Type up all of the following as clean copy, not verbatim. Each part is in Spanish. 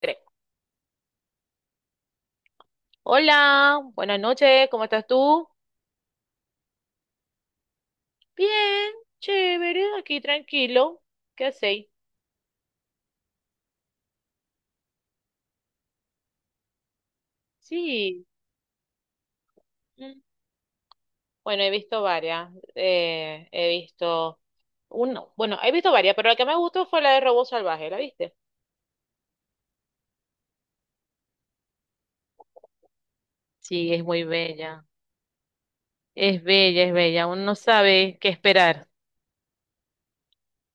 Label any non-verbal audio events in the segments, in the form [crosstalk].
Tres. Hola, buenas noches, ¿cómo estás tú? Bien, chévere, aquí tranquilo. ¿Qué hacéis? Sí. mm. Bueno, he visto varias. He visto uno. Bueno, he visto varias, pero la que me gustó fue la de Robo Salvaje, ¿la viste? Sí, es muy bella. Es bella, es bella. Uno no sabe qué esperar.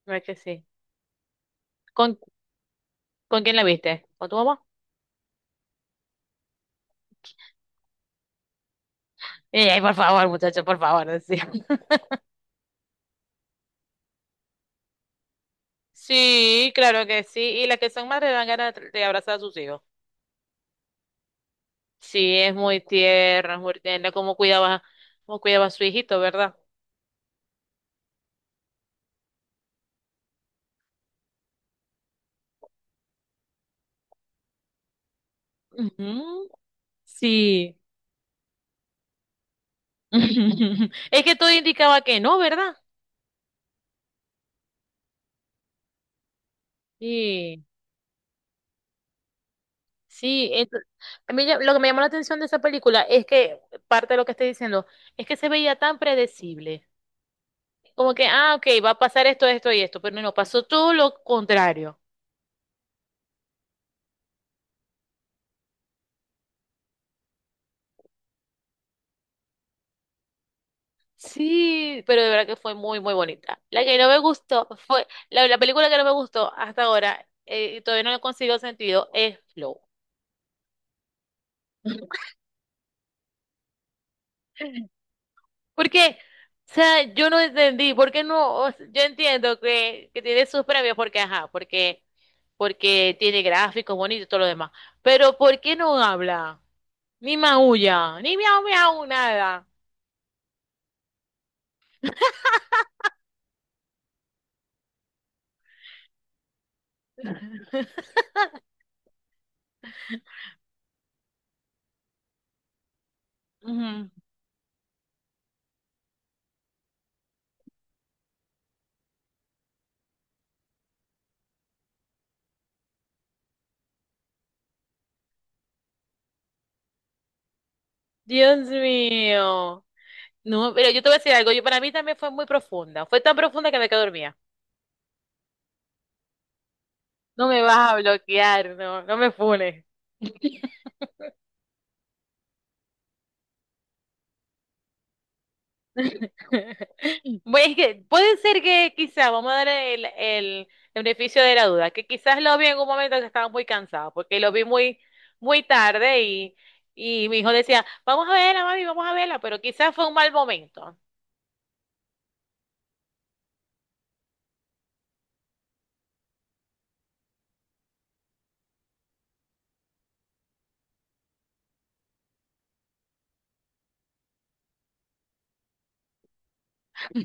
¿Verdad que sí? ¿Con, ¿Con quién la viste? ¿Con tu mamá? Ey, ay, por favor, muchacho, por favor. Sí. [laughs] Sí, claro que sí. Y las que son madres dan ganas de abrazar a sus hijos. Sí, es muy tierna, como cuidaba a su hijito, ¿verdad? Ujú, sí. [laughs] Es que todo indicaba que no, ¿verdad? Sí, sí. Lo que me llamó la atención de esa película es que, parte de lo que estoy diciendo, es que se veía tan predecible. Como que, ah, ok, va a pasar esto, esto y esto, pero no, pasó todo lo contrario. Sí, pero de verdad que fue muy, muy bonita. La que no me gustó fue, la película que no me gustó hasta ahora, y todavía no le consigo sentido, es Flow. [laughs] Porque, o sea, yo no entendí, ¿por qué no? O sea, yo entiendo que tiene sus premios, porque, ajá, porque, porque tiene gráficos bonitos y todo lo demás. Pero, ¿por qué no habla? Ni maulla, ni miau miau, nada. Ujú. Dios mío. No, pero yo te voy a decir algo, yo para mí también fue muy profunda, fue tan profunda que me quedé dormida. No me vas a bloquear, no, no me funes. [laughs] Bueno, es que puede ser que quizás, vamos a dar el beneficio de la duda, que quizás lo vi en un momento que estaba muy cansado, porque lo vi muy, muy tarde y mi hijo decía, vamos a verla, mami, vamos a verla, pero quizás fue un mal momento.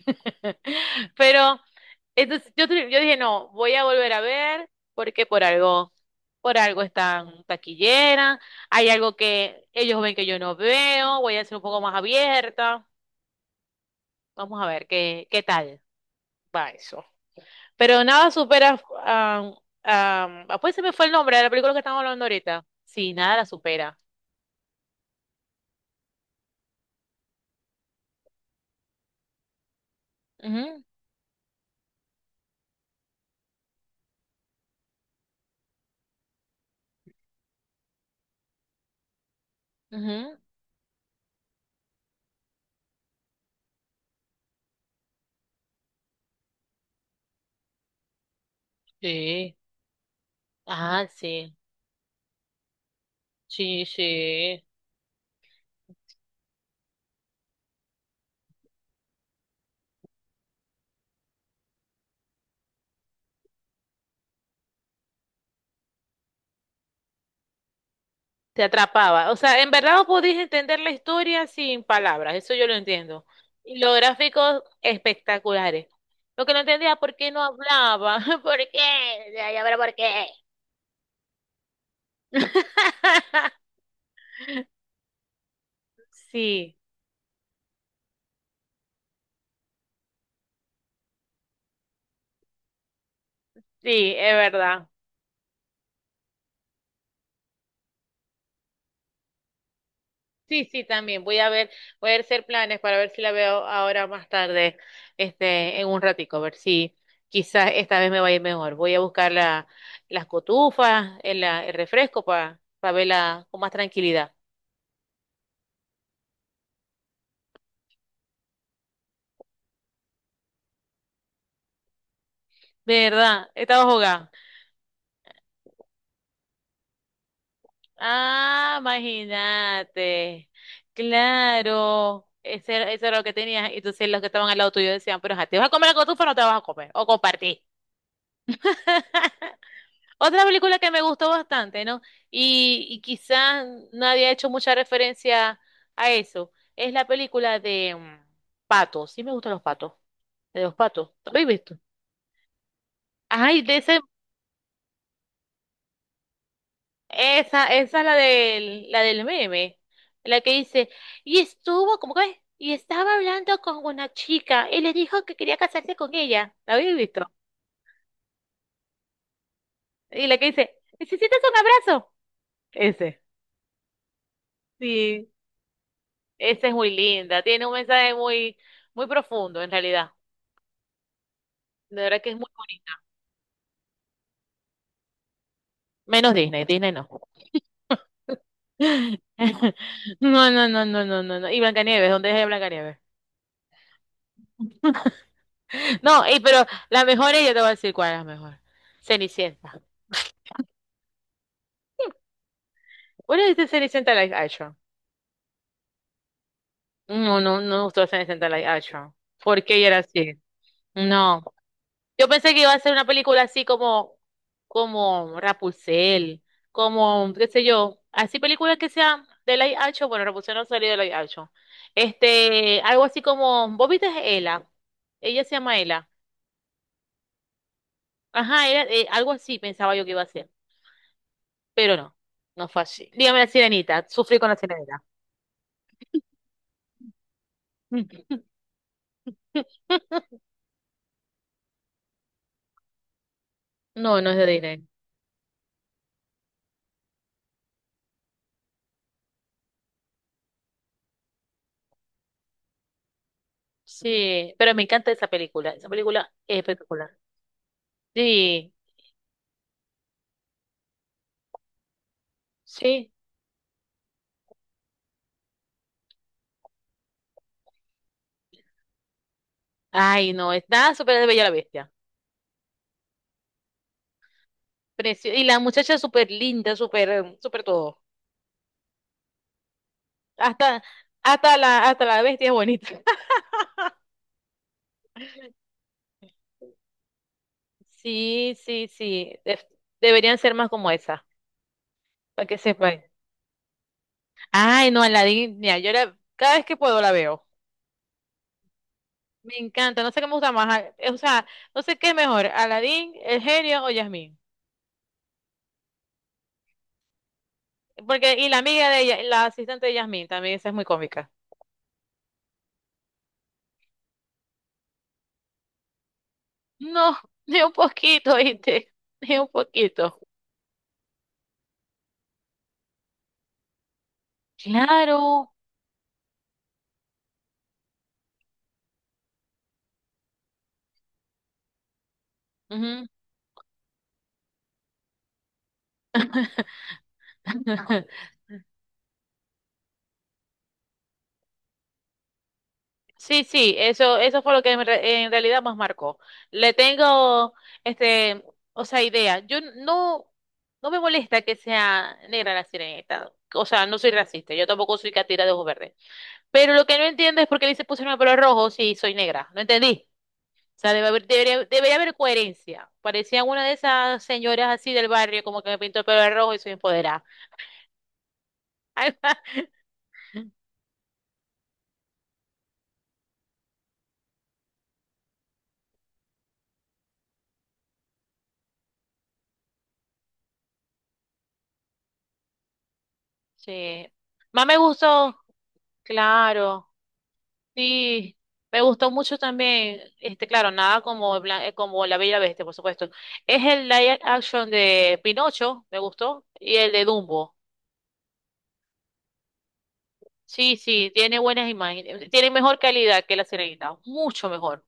[laughs] Pero entonces yo, yo dije, no, voy a volver a ver porque por algo están taquillera, hay algo que ellos ven que yo no veo, voy a ser un poco más abierta. Vamos a ver qué, qué tal va eso. Pero nada supera, am, ah, pues se me fue el nombre de la película que estamos hablando ahorita. Sí, nada la supera. Ujú, ujú. Sí. Ah, sí. Sí, sí. Te atrapaba. O sea, en verdad vos podías entender la historia sin palabras, eso yo lo entiendo. Y los gráficos espectaculares. Lo que no entendía, ¿por qué no hablaba? [laughs] ¿Por qué? Ya, ya verá por qué. [laughs] Sí, sí, es verdad. Sí, sí, también. Voy a ver, voy a hacer planes para ver si la veo ahora más tarde, este, en un ratico, a ver si quizás esta vez me vaya mejor. Voy a buscar las cotufas, el refresco para verla con más tranquilidad. De verdad, estaba jugando. Ah, imagínate. Claro, ese, eso era lo que tenías. Y entonces los que estaban al lado tuyo decían, pero ajá, ¿te vas a comer la cotufa o no te vas a comer? O compartí. [laughs] Otra película que me gustó bastante, ¿no? Y quizás nadie ha hecho mucha referencia a eso. Es la película de Patos. Sí me gustan los patos. De los patos. ¿Lo habéis visto? Ay, de ese. Esa es la del meme, la que dice, y estuvo, ¿cómo que es? Y estaba hablando con una chica y le dijo que quería casarse con ella. ¿La habéis visto? Y la que dice, ¿necesitas un abrazo? Ese. Sí, esa es muy linda, tiene un mensaje muy, muy profundo en realidad. De verdad que es muy bonita. Menos Disney, Disney no. [laughs] No, no, no, no, no, no, no. Y Blancanieves, ¿dónde es Blancanieves? [laughs] No, y, pero la mejor ella te voy a decir cuál es la mejor. Cenicienta. ¿Cuál es de Cenicienta Live Action? No, no, no me gustó Cenicienta Live Action. ¿Por qué era así? No. Yo pensé que iba a ser una película así como, como Rapunzel, como, qué sé yo, así películas que sean de live action. Bueno, Rapunzel no salió de live action. Este, algo así como, ¿vos viste a Ela? Ella se llama Ela. Ajá, era, algo así pensaba yo que iba a ser, pero no, no fue así. Dígame la sirenita, sufrí con la sirenita. [laughs] No, no es de Disney. Sí, pero me encanta esa película. Esa película es espectacular. Sí, sí. Ay, no, es nada súper de Bella la Bestia. Y la muchacha es súper linda, súper, súper todo. Hasta, hasta hasta la bestia es bonita. [laughs] Sí, sí, sí. Deberían ser más como esa, para que sepan. Ay, no, Aladdin, mira, yo la, cada vez que puedo la veo. Me encanta, no sé qué me gusta más. O sea, no sé qué es mejor, Aladdin, el genio o Yasmín. Porque, y la amiga de ella, la asistente de Yasmín también, esa es muy cómica. No, [laughs] ni un poquito, ¿viste? Ni un poquito. Claro. Ujú. [laughs] Sí, sí, eso fue lo que en realidad más marcó. Le tengo, este, o sea, idea. Yo no, no me molesta que sea negra la sirenita. O sea, no soy racista, yo tampoco soy catira de ojos verdes. Pero lo que no entiendo es por qué le se pusieron el pelo rojo si soy negra. No entendí. O sea, debe haber, debería, debería haber coherencia. Parecía una de esas señoras así del barrio, como que me pintó el pelo de rojo y soy empoderada. [laughs] Sí. Más me gustó, claro. Sí, me gustó mucho también, este, claro, nada como, como La Bella y la Bestia, por supuesto. Es el live action de Pinocho, me gustó, y el de Dumbo. Sí, sí, tiene buenas imágenes, tiene mejor calidad que La Sirenita, mucho mejor.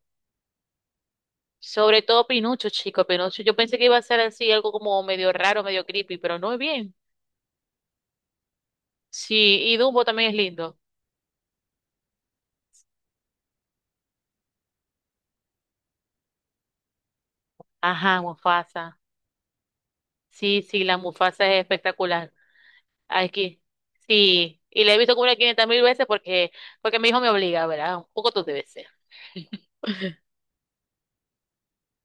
Sobre todo Pinucho, chico, Pinucho. Yo pensé que iba a ser así, algo como medio raro, medio creepy, pero no es bien. Sí, y Dumbo también es lindo. Ajá, Mufasa. Sí, sí, la Mufasa es espectacular. Aquí. Sí, y la he visto como unas 500 mil veces porque, porque mi hijo me obliga, ¿verdad? Un poco tú debes ser. [laughs]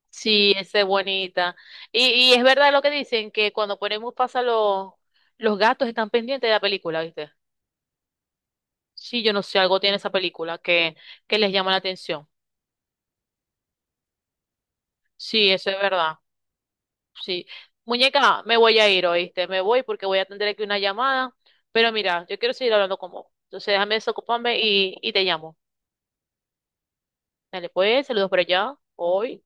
Sí, esa es bonita. Y, y es verdad lo que dicen, que cuando ponemos pasa los gatos están pendientes de la película, ¿viste? Sí, yo no sé, algo tiene esa película que les llama la atención. Sí, eso es verdad. Sí. Muñeca, me voy a ir, ¿oíste? Me voy porque voy a atender aquí una llamada. Pero mira, yo quiero seguir hablando con vos. Entonces déjame desocuparme y te llamo. Dale, pues, saludos por allá. Hoy.